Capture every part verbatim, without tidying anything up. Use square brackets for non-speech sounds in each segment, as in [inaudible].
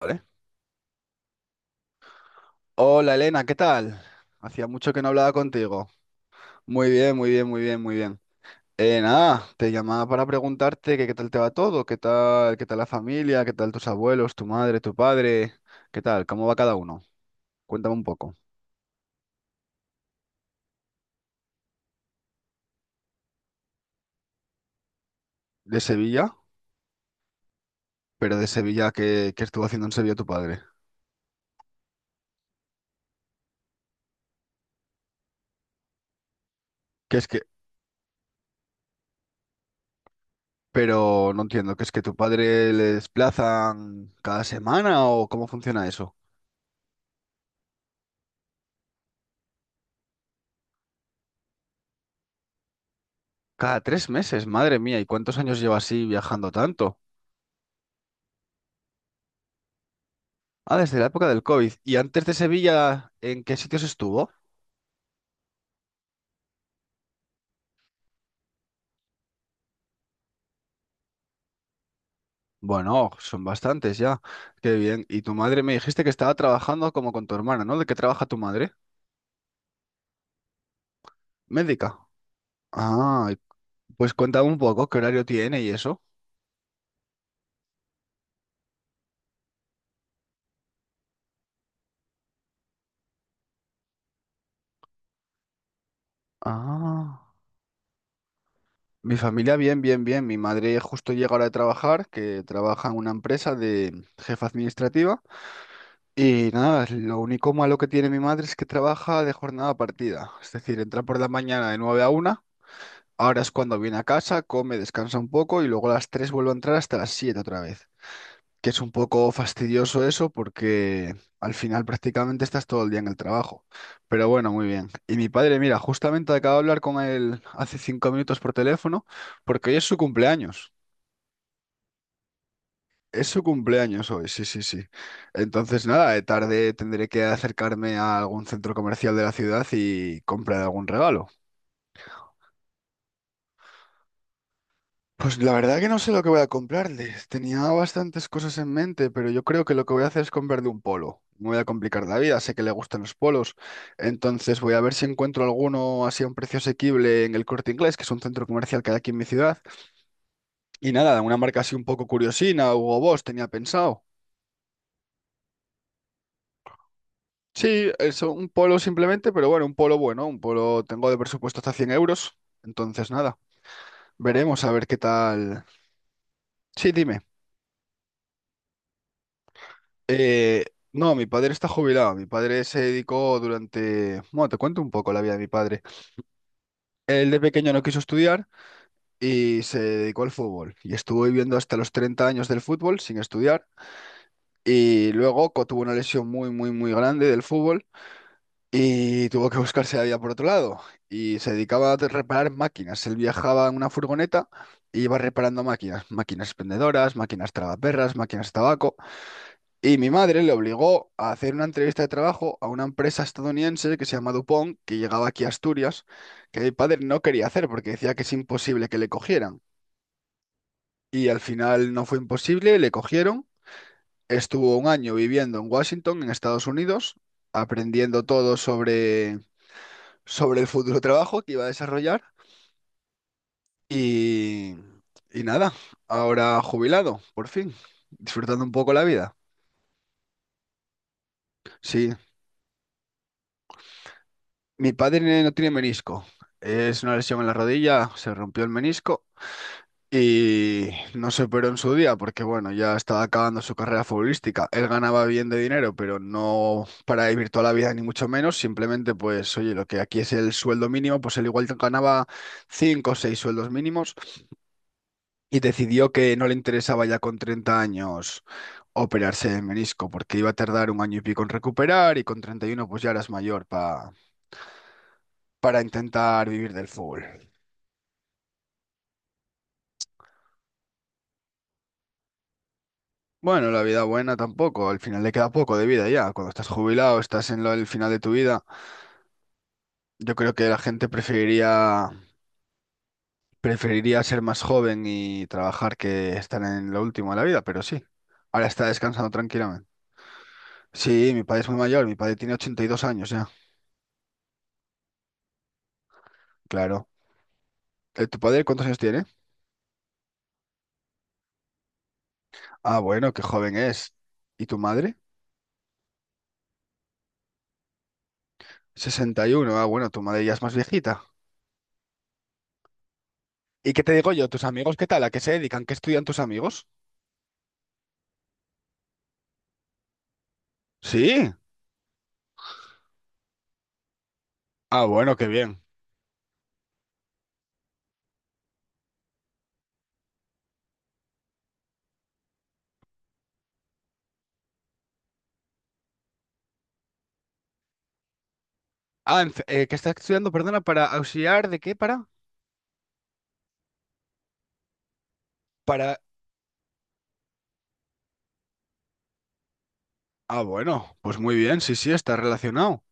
Vale. Hola Elena, ¿qué tal? Hacía mucho que no hablaba contigo. Muy bien, muy bien, muy bien, muy bien. Eh, nada, te llamaba para preguntarte que qué tal te va todo, qué tal, qué tal la familia, qué tal tus abuelos, tu madre, tu padre, qué tal, cómo va cada uno. Cuéntame un poco. ¿De Sevilla? Pero de Sevilla, ¿qué, qué estuvo haciendo en Sevilla tu padre? Que es que, pero no entiendo, ¿que es que tu padre le desplazan cada semana o cómo funciona eso? Cada tres meses, madre mía, ¿y cuántos años lleva así viajando tanto? Ah, desde la época del COVID. ¿Y antes de Sevilla, en qué sitios estuvo? Bueno, son bastantes ya. Qué bien. Y tu madre me dijiste que estaba trabajando como con tu hermana, ¿no? ¿De qué trabaja tu madre? Médica. Ah, y- pues cuéntame un poco qué horario tiene y eso. Ah. Mi familia, bien, bien, bien. Mi madre justo llega ahora de trabajar, que trabaja en una empresa de jefa administrativa. Y nada, lo único malo que tiene mi madre es que trabaja de jornada partida. Es decir, entra por la mañana de nueve a una. Ahora es cuando viene a casa, come, descansa un poco y luego a las tres vuelve a entrar hasta las siete otra vez. Que es un poco fastidioso eso porque al final prácticamente estás todo el día en el trabajo. Pero bueno, muy bien. Y mi padre, mira, justamente acabo de hablar con él hace cinco minutos por teléfono porque hoy es su cumpleaños. Es su cumpleaños hoy, sí, sí, sí. Entonces nada, de tarde tendré que acercarme a algún centro comercial de la ciudad y comprar algún regalo. Pues la verdad que no sé lo que voy a comprarles. Tenía bastantes cosas en mente, pero yo creo que lo que voy a hacer es comprarle un polo. No voy a complicar la vida, sé que le gustan los polos. Entonces voy a ver si encuentro alguno así a un precio asequible en el Corte Inglés, que es un centro comercial que hay aquí en mi ciudad. Y nada, una marca así un poco curiosina, Hugo Boss, tenía pensado. Sí, eso, un polo simplemente, pero bueno, un polo bueno, un polo tengo de presupuesto hasta cien euros. Entonces nada, veremos a ver qué tal. Sí, dime. Eh, no, mi padre está jubilado. Mi padre se dedicó durante… Bueno, te cuento un poco la vida de mi padre. Él de pequeño no quiso estudiar y se dedicó al fútbol. Y estuvo viviendo hasta los treinta años del fútbol sin estudiar. Y luego co- tuvo una lesión muy, muy, muy grande del fútbol y tuvo que buscarse la vida por otro lado. Y se dedicaba a reparar máquinas. Él viajaba en una furgoneta y iba reparando máquinas. Máquinas expendedoras, máquinas tragaperras, máquinas de tabaco. Y mi madre le obligó a hacer una entrevista de trabajo a una empresa estadounidense que se llama DuPont, que llegaba aquí a Asturias, que mi padre no quería hacer porque decía que es imposible que le cogieran. Y al final no fue imposible, le cogieron. Estuvo un año viviendo en Washington, en Estados Unidos, aprendiendo todo sobre, sobre el futuro trabajo que iba a desarrollar. Y, y nada, ahora jubilado, por fin, disfrutando un poco la vida. Sí, mi padre no no tiene menisco. Es una lesión en la rodilla, se rompió el menisco y no se operó en su día porque, bueno, ya estaba acabando su carrera futbolística. Él ganaba bien de dinero, pero no para vivir toda la vida, ni mucho menos. Simplemente, pues, oye, lo que aquí es el sueldo mínimo, pues él igual ganaba cinco o seis sueldos mínimos y decidió que no le interesaba ya con treinta años operarse el menisco porque iba a tardar un año y pico en recuperar y con treinta y uno pues ya eras mayor pa- para intentar vivir del fútbol. Bueno, la vida buena tampoco, al final le queda poco de vida ya. Cuando estás jubilado, estás en lo- el final de tu vida. Yo creo que la gente preferiría, preferiría ser más joven y trabajar que estar en lo último de la vida, pero sí, ahora está descansando tranquilamente. Sí, mi padre es muy mayor, mi padre tiene ochenta y dos años ya, claro. Eh, ¿tu padre cuántos años tiene? Ah, bueno, qué joven es. ¿Y tu madre? Sesenta y uno. Ah, bueno, tu madre ya es más viejita. ¿Y qué te digo yo? ¿Tus amigos qué tal? ¿A qué se dedican? ¿Qué estudian tus amigos? Sí. Ah, bueno, qué bien. Ah, en fe- eh, ¿qué estás estudiando? Perdona, ¿para auxiliar de qué? ¿Para? Para… Ah, bueno, pues muy bien, sí, sí, está relacionado.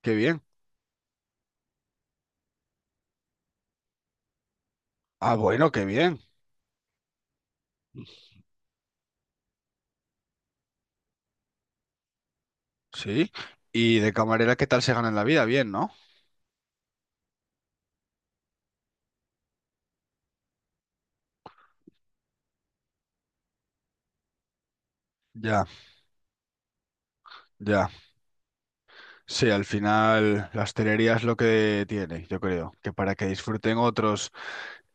Qué bien. Ah, bueno, qué bien. Sí. Y de camarera, ¿qué tal se gana en la vida? Bien, ¿no? Ya, ya. Sí, al final la hostelería es lo que tiene, yo creo, que para que disfruten otros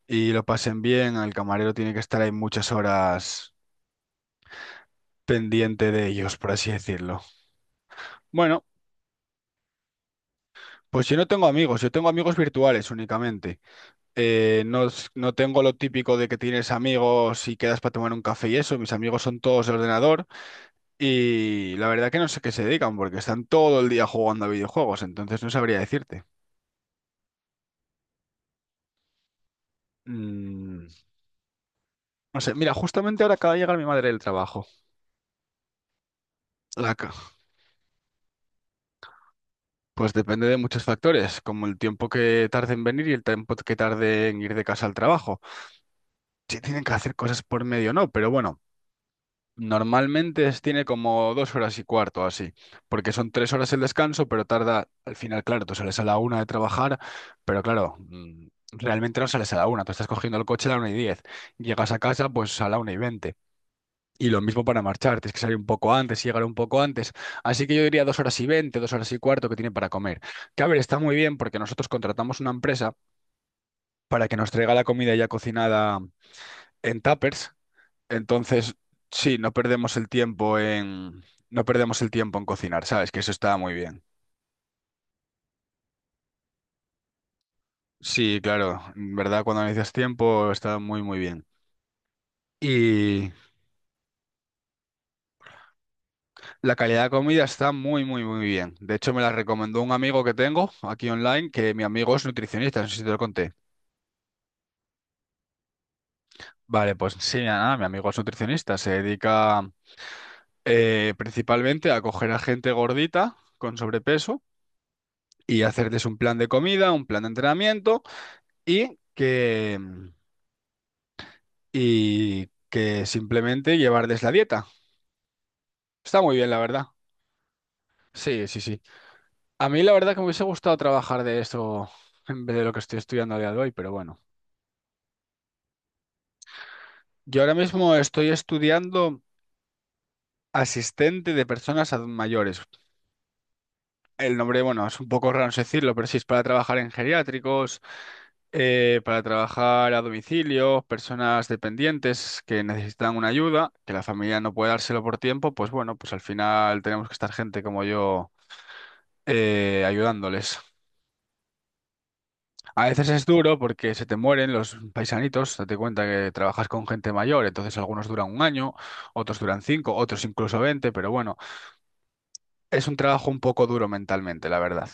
y lo pasen bien, el camarero tiene que estar ahí muchas horas pendiente de ellos, por así decirlo. Bueno, pues yo no tengo amigos, yo tengo amigos virtuales únicamente. eh, no, es- no tengo lo típico de que tienes amigos y quedas para tomar un café y eso. Mis amigos son todos de ordenador y la verdad que no sé qué se dedican porque están todo el día jugando a videojuegos, entonces no sabría decirte. Mm, no sé, mira, justamente ahora acaba de llegar mi madre del trabajo. La ca- pues depende de muchos factores, como el tiempo que tarde en venir y el tiempo que tarde en ir de casa al trabajo. Si tienen que hacer cosas por medio no, pero bueno. Normalmente es- tiene como dos horas y cuarto o así, porque son tres horas el descanso, pero tarda, al final, claro, tú sales a la una de trabajar, pero claro, mm, realmente no sales a la una, tú estás cogiendo el coche a la una y diez, llegas a casa pues a la una y veinte. Y lo mismo para marchar, tienes que salir un poco antes y llegar un poco antes. Así que yo diría dos horas y veinte, dos horas y cuarto que tiene para comer. Que a ver, está muy bien porque nosotros contratamos una empresa para que nos traiga la comida ya cocinada en tuppers entonces, sí, no perdemos el tiempo en, no perdemos el tiempo en cocinar, ¿sabes? Que eso está muy bien. Sí, claro, en verdad, cuando necesitas tiempo está muy, muy bien. Y la calidad de comida está muy, muy, muy bien. De hecho, me la recomendó un amigo que tengo aquí online, que mi amigo es nutricionista, no sé si te lo conté. Vale, pues sí, nada, mi amigo es nutricionista, se dedica eh, principalmente a coger a gente gordita con sobrepeso y hacerles un plan de comida, un plan de entrenamiento y que, y que simplemente llevarles la dieta. Está muy bien, la verdad. Sí, sí, sí. A mí la verdad que me hubiese gustado trabajar de esto en vez de lo que estoy estudiando a día de hoy, pero bueno. Yo ahora mismo estoy estudiando asistente de personas ad- mayores. El nombre, bueno, es un poco raro no decirlo, pero sí, es para trabajar en geriátricos, eh, para trabajar a domicilio, personas dependientes que necesitan una ayuda, que la familia no puede dárselo por tiempo, pues bueno, pues al final tenemos que estar gente como yo eh, ayudándoles. A veces es duro porque se te mueren los paisanitos, date cuenta que trabajas con gente mayor, entonces algunos duran un año, otros duran cinco, otros incluso veinte, pero bueno, es un trabajo un poco duro mentalmente, la verdad.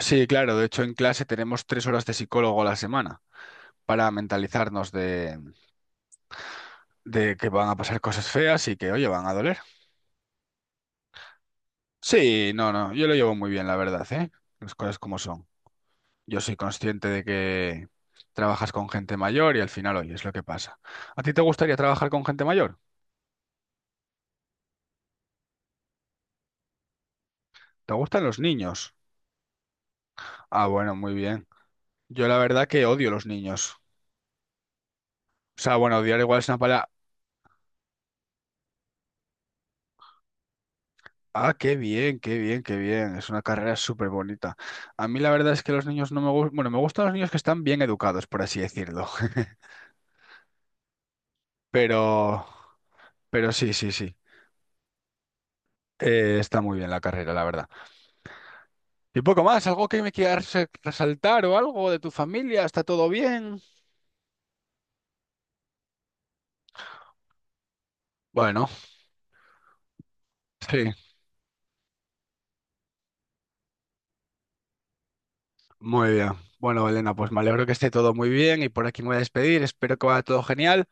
Sí, claro, de hecho en clase tenemos tres horas de psicólogo a la semana para mentalizarnos de, de que van a pasar cosas feas y que, oye, van a doler. Sí, no, no, yo lo llevo muy bien, la verdad, ¿eh? Las cosas como son. Yo soy consciente de que trabajas con gente mayor y al final, oye, es lo que pasa. ¿A ti te gustaría trabajar con gente mayor? ¿Te gustan los niños? Ah, bueno, muy bien. Yo la verdad que odio los niños. O sea, bueno, odiar igual es una palabra… Ah, qué bien, qué bien, qué bien. Es una carrera súper bonita. A mí la verdad es que los niños no me gustan… Bueno, me gustan los niños que están bien educados, por así decirlo. [laughs] Pero… Pero sí, sí, sí. Eh, está muy bien la carrera, la verdad. Y poco más, algo que me quieras eh, resaltar o algo de tu familia, ¿está todo bien? Bueno, sí, muy bien. Bueno, Elena, pues me alegro que esté todo muy bien y por aquí me voy a despedir. Espero que vaya todo genial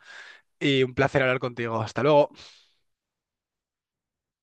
y un placer hablar contigo. Hasta luego.